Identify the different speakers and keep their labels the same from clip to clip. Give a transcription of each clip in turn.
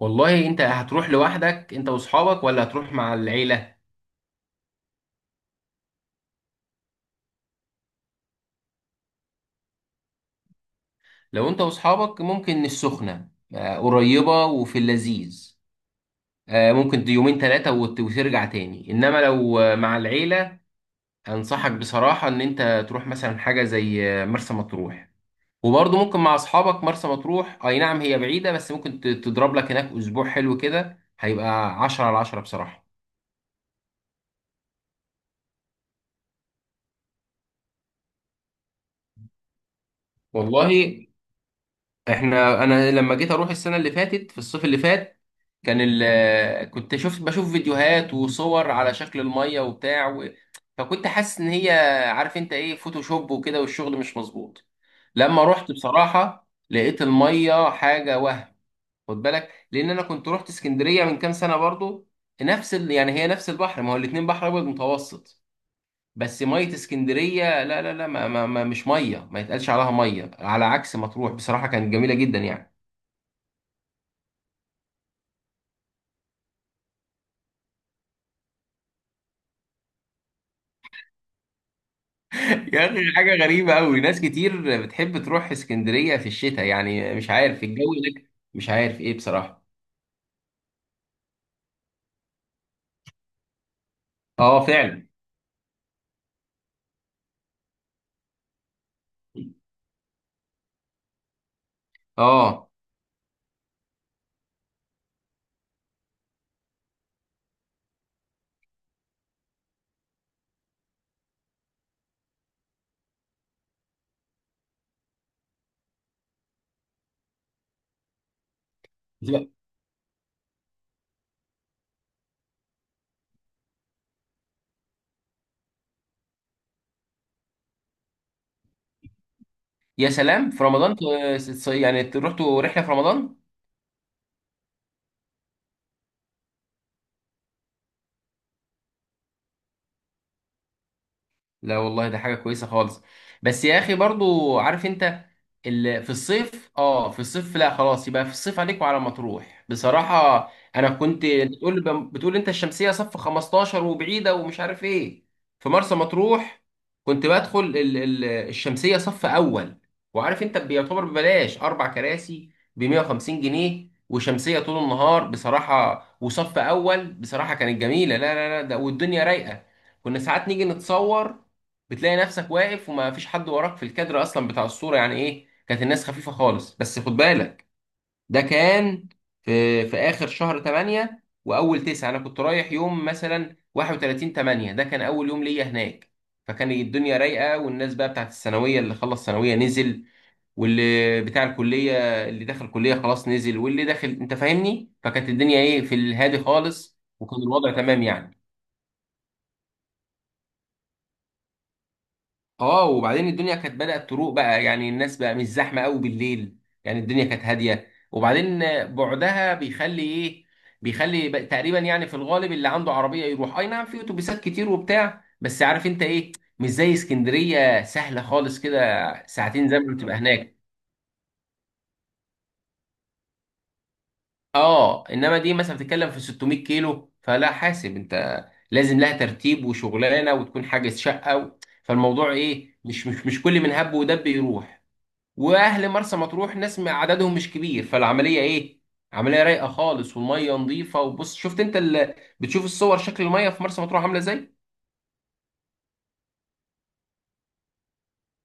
Speaker 1: والله انت هتروح لوحدك انت واصحابك ولا هتروح مع العيلة؟ لو انت واصحابك ممكن السخنة، قريبة وفي اللذيذ. ممكن يومين ثلاثة وترجع تاني، انما لو مع العيلة انصحك بصراحة ان انت تروح مثلا حاجة زي مرسى مطروح. وبرضه ممكن مع اصحابك مرسى مطروح، اي نعم هي بعيدة بس ممكن تضرب لك هناك اسبوع حلو، كده هيبقى عشرة على عشرة بصراحة. والله، احنا لما جيت اروح السنه اللي فاتت، في الصيف اللي فات، كان كنت شفت بشوف فيديوهات وصور على شكل الميه وبتاع فكنت حاسس ان هي، عارف انت ايه، فوتوشوب وكده والشغل مش مظبوط. لما رحت بصراحه لقيت الميه حاجه وهم. خد بالك لان انا كنت رحت اسكندريه من كام سنه برضو، يعني هي نفس البحر، ما هو الاتنين بحر ابيض متوسط. بس ميه اسكندريه، لا لا لا، ما ما ما مش ميه، ما يتقالش عليها ميه، على عكس مطروح بصراحه كانت جميله جدا يعني. يا اخي حاجه غريبه قوي، ناس كتير بتحب تروح اسكندريه في الشتاء، يعني مش عارف الجو هناك مش عارف ايه بصراحه. اه فعلا. اه. لا. يا سلام، في رمضان؟ يعني رحتوا رحله في رمضان؟ لا والله ده حاجة كويسة خالص. بس يا أخي برضو عارف أنت، في الصيف، اه في الصيف لا خلاص، يبقى في الصيف عليك وعلى مطروح بصراحة. أنا كنت بتقول أنت الشمسية صف 15 وبعيدة ومش عارف إيه، في مرسى مطروح كنت بدخل الشمسية صف أول. وعارف أنت بيعتبر ببلاش أربع كراسي ب 150 جنيه وشمسية طول النهار بصراحة، وصف أول بصراحة كانت جميلة، لا لا لا ده والدنيا رايقة. كنا ساعات نيجي نتصور، بتلاقي نفسك واقف وما فيش حد وراك في الكادر اصلا بتاع الصوره، يعني ايه كانت الناس خفيفه خالص. بس خد بالك، ده كان في في اخر شهر 8 واول 9، انا كنت رايح يوم مثلا 31 8، ده كان اول يوم ليا هناك. فكان الدنيا رايقه، والناس بقى بتاعت الثانويه اللي خلص ثانويه نزل، واللي بتاع الكليه اللي دخل كليه خلاص نزل، واللي داخل انت فاهمني، فكانت الدنيا ايه، في الهادي خالص، وكان الوضع تمام يعني. اه، وبعدين الدنيا كانت بدأت تروق بقى، يعني الناس بقى مش زحمة قوي بالليل، يعني الدنيا كانت هادية. وبعدين بعدها بيخلي ايه، بيخلي بقى تقريبا يعني في الغالب اللي عنده عربية يروح، اي نعم في اتوبيسات كتير وبتاع، بس عارف انت ايه، مش زي اسكندرية سهلة خالص كده. ساعتين زمن بتبقى هناك، اه. انما دي مثلا بتتكلم في 600 كيلو، فلا حاسب انت، لازم لها ترتيب وشغلانة وتكون حاجز شقة فالموضوع ايه، مش كل من هب ودب يروح. واهل مرسى مطروح ناس عددهم مش كبير، فالعمليه ايه، عمليه رايقه خالص، والميه نظيفه. وبص، شفت انت بتشوف الصور شكل الميه في مرسى مطروح عامله ازاي؟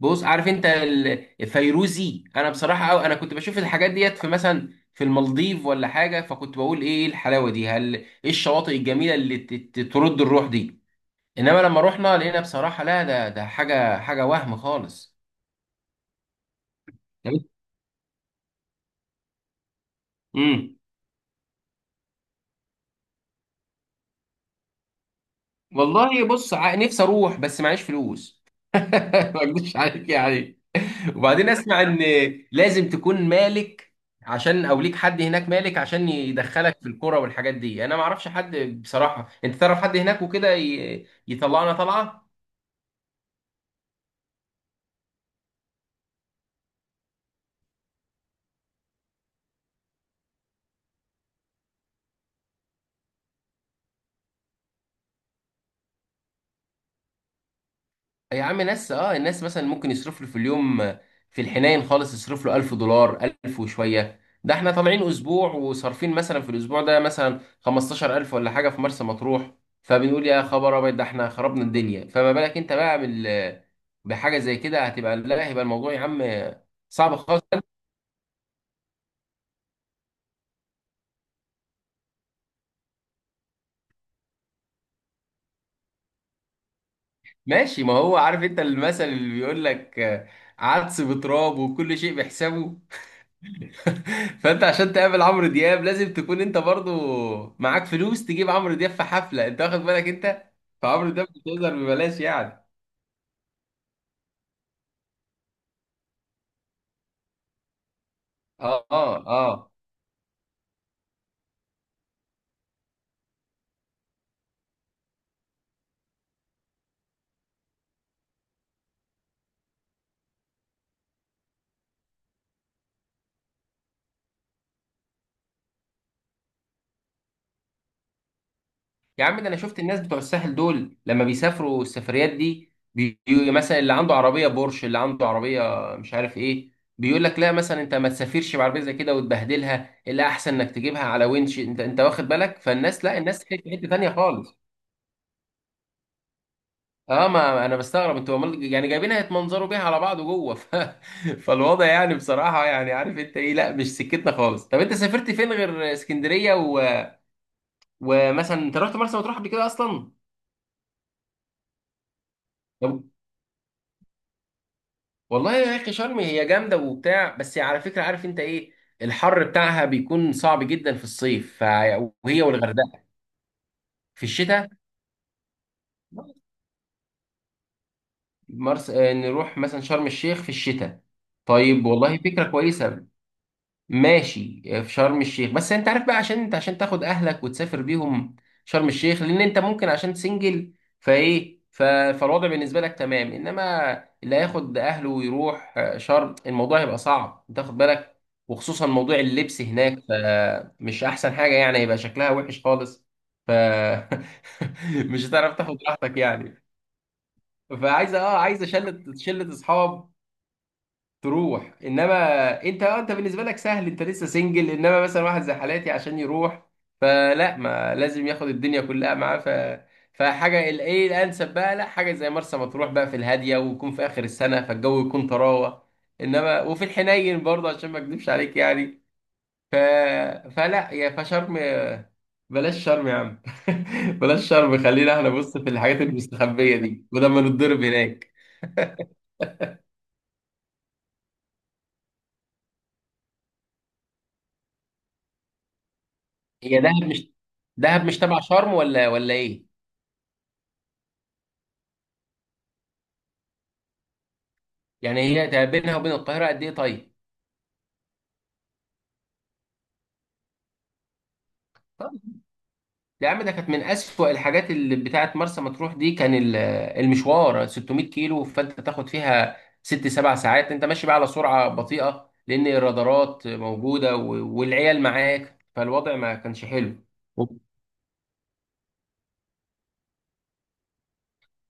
Speaker 1: بص عارف انت الفيروزي، انا بصراحه أو انا كنت بشوف الحاجات ديت في مثلا في المالديف ولا حاجه، فكنت بقول ايه الحلاوه دي، هل ايه الشواطئ الجميله اللي ترد الروح دي؟ انما لما رحنا لقينا بصراحه، لا ده ده حاجه حاجه وهم خالص. امم والله بص، نفسي اروح بس معيش فلوس. ما اكدبش عليك يعني. وبعدين اسمع ان لازم تكون مالك عشان، او ليك حد هناك مالك عشان يدخلك في الكوره والحاجات دي، انا ما اعرفش حد بصراحه. انت تعرف حد هناك وكده يطلعنا طلعه. يا عم، ناس اه، الناس مثلا ممكن يصرف له في اليوم في الحنين خالص يصرف له 1000 دولار 1000 وشويه، ده احنا طالعين اسبوع وصارفين مثلا في الاسبوع ده مثلا 15000 ولا حاجه في مرسى مطروح، فبنقول يا خبر ابيض ده احنا خربنا الدنيا، فما بالك انت بقى بحاجه زي كده، هتبقى لا، هيبقى الموضوع يا عم صعب خالص. ماشي، ما هو عارف انت المثل اللي بيقول لك، عدس بتراب وكل شيء بحسابه. فانت عشان تقابل عمرو دياب لازم تكون انت برضو معاك فلوس تجيب عمرو دياب في حفله، انت واخد بالك انت، فعمرو دياب مش هيظهر ببلاش يعني. اه اه اه. يا عم، ده انا شفت الناس بتوع الساحل دول لما بيسافروا السفريات دي مثلا اللي عنده عربيه بورش، اللي عنده عربيه مش عارف ايه، بيقول لك لا مثلا انت ما تسافرش بعربيه زي كده وتبهدلها، الا احسن انك تجيبها على وينش، انت انت واخد بالك فالناس لا، الناس في حته تانيه خالص. اه، ما انا بستغرب انتوا يعني جايبينها يتمنظروا بيها على بعض جوه فالوضع يعني بصراحه، يعني عارف انت ايه، لا مش سكتنا خالص. طب انت سافرت فين غير اسكندريه ومثلا انت رحت مرسى مطروح قبل كده اصلا؟ طب والله يا اخي شرم هي جامده وبتاع، بس على فكره عارف انت ايه، الحر بتاعها بيكون صعب جدا في الصيف وهي والغردقه في الشتاء. نروح مثلا شرم الشيخ في الشتاء. طيب والله فكره كويسه. ماشي، في شرم الشيخ، بس انت عارف بقى، عشان انت عشان تاخد اهلك وتسافر بيهم شرم الشيخ، لان انت ممكن عشان سنجل فايه، فالوضع بالنسبه لك تمام، انما اللي هياخد اهله ويروح شرم، الموضوع هيبقى صعب، انت واخد بالك، وخصوصا موضوع اللبس هناك، فمش احسن حاجه يعني، هيبقى شكلها وحش خالص. ف مش هتعرف تاخد راحتك يعني. فعايزه اه، عايزه شله شله اصحاب تروح، انما انت انت بالنسبه لك سهل، انت لسه سنجل، انما مثلا واحد زي حالاتي عشان يروح فلا، ما لازم ياخد الدنيا كلها معاه ف، فحاجه الايه الانسب بقى، لا حاجه زي مرسى مطروح بقى في الهاديه، ويكون في اخر السنه فالجو يكون طراوه، انما وفي الحنين برضه عشان ما اكذبش عليك يعني. ف فلا يا، فشرم، بلاش شرم يا عم. بلاش شرم، خلينا احنا بص في الحاجات المستخبيه دي ولما نتضرب هناك. هي دهب مش، دهب مش تبع شرم ولا ايه؟ يعني هي ده بينها وبين القاهرة قد إيه طيب؟ طيب. يا عم ده كانت من أسوأ الحاجات اللي بتاعت مرسى مطروح دي، كان المشوار 600 كيلو، فأنت تاخد فيها ست سبع ساعات أنت ماشي بقى على سرعة بطيئة، لأن الرادارات موجودة والعيال معاك، فالوضع ما كانش حلو.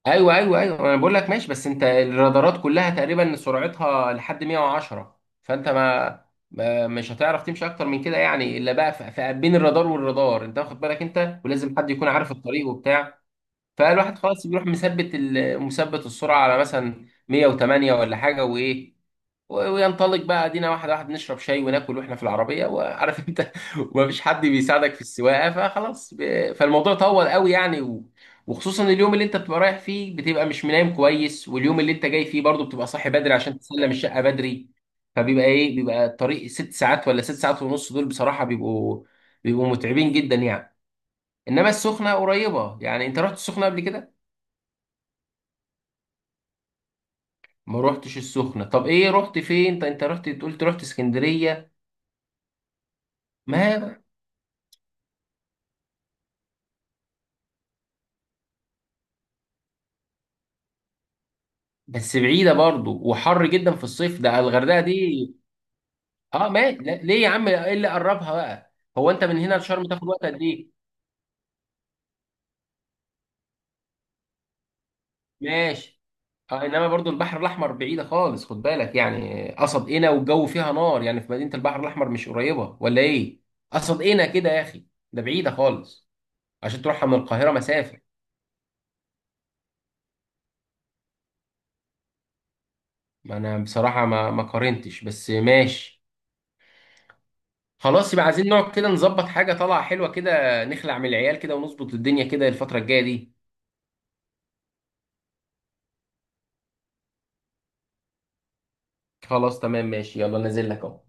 Speaker 1: ايوه ايوه ايوه، انا بقول لك ماشي، بس انت الرادارات كلها تقريبا سرعتها لحد 110، فانت ما, ما مش هتعرف تمشي اكتر من كده يعني الا بقى بين الرادار والرادار، انت واخد بالك انت، ولازم حد يكون عارف الطريق وبتاع. فالواحد خلاص بيروح مثبت مثبت السرعه على مثلا 108 ولا حاجه، وايه وينطلق بقى، ادينا واحد واحد نشرب شاي وناكل واحنا في العربيه، وعارف انت ومفيش حد بيساعدك في السواقه، فخلاص فالموضوع طول قوي يعني وخصوصا اليوم اللي انت بتبقى رايح فيه بتبقى مش منام كويس، واليوم اللي انت جاي فيه برضه بتبقى صاحي بدري عشان تسلم الشقه بدري، فبيبقى ايه، بيبقى الطريق ست ساعات ولا ست ساعات ونص، دول بصراحه بيبقوا متعبين جدا يعني. انما السخنه قريبه، يعني انت رحت السخنه قبل كده؟ ما روحتش السخنه، طب ايه رحت فين انت، انت رحت قلت رحت اسكندريه ما بس بعيده برضو وحر جدا في الصيف ده، الغردقه دي اه ماشي، لا، ليه يا عم، ايه اللي قربها بقى، هو انت من هنا لشرم تاخد وقت قد ايه؟ ماشي. آه، انما برضو البحر الاحمر بعيده خالص، خد بالك، يعني قصد قنا والجو فيها نار يعني، في مدينه البحر الاحمر مش قريبه ولا ايه، قصد قنا كده يا اخي، ده بعيده خالص، عشان تروحها من القاهره مسافه. ما انا بصراحه، ما ما قارنتش، بس ماشي. خلاص يبقى عايزين نقعد كده نظبط حاجه طالعه حلوه كده، نخلع من العيال كده ونظبط الدنيا كده الفتره الجايه دي. خلاص تمام، ماشي، يلا نازل لك اهو.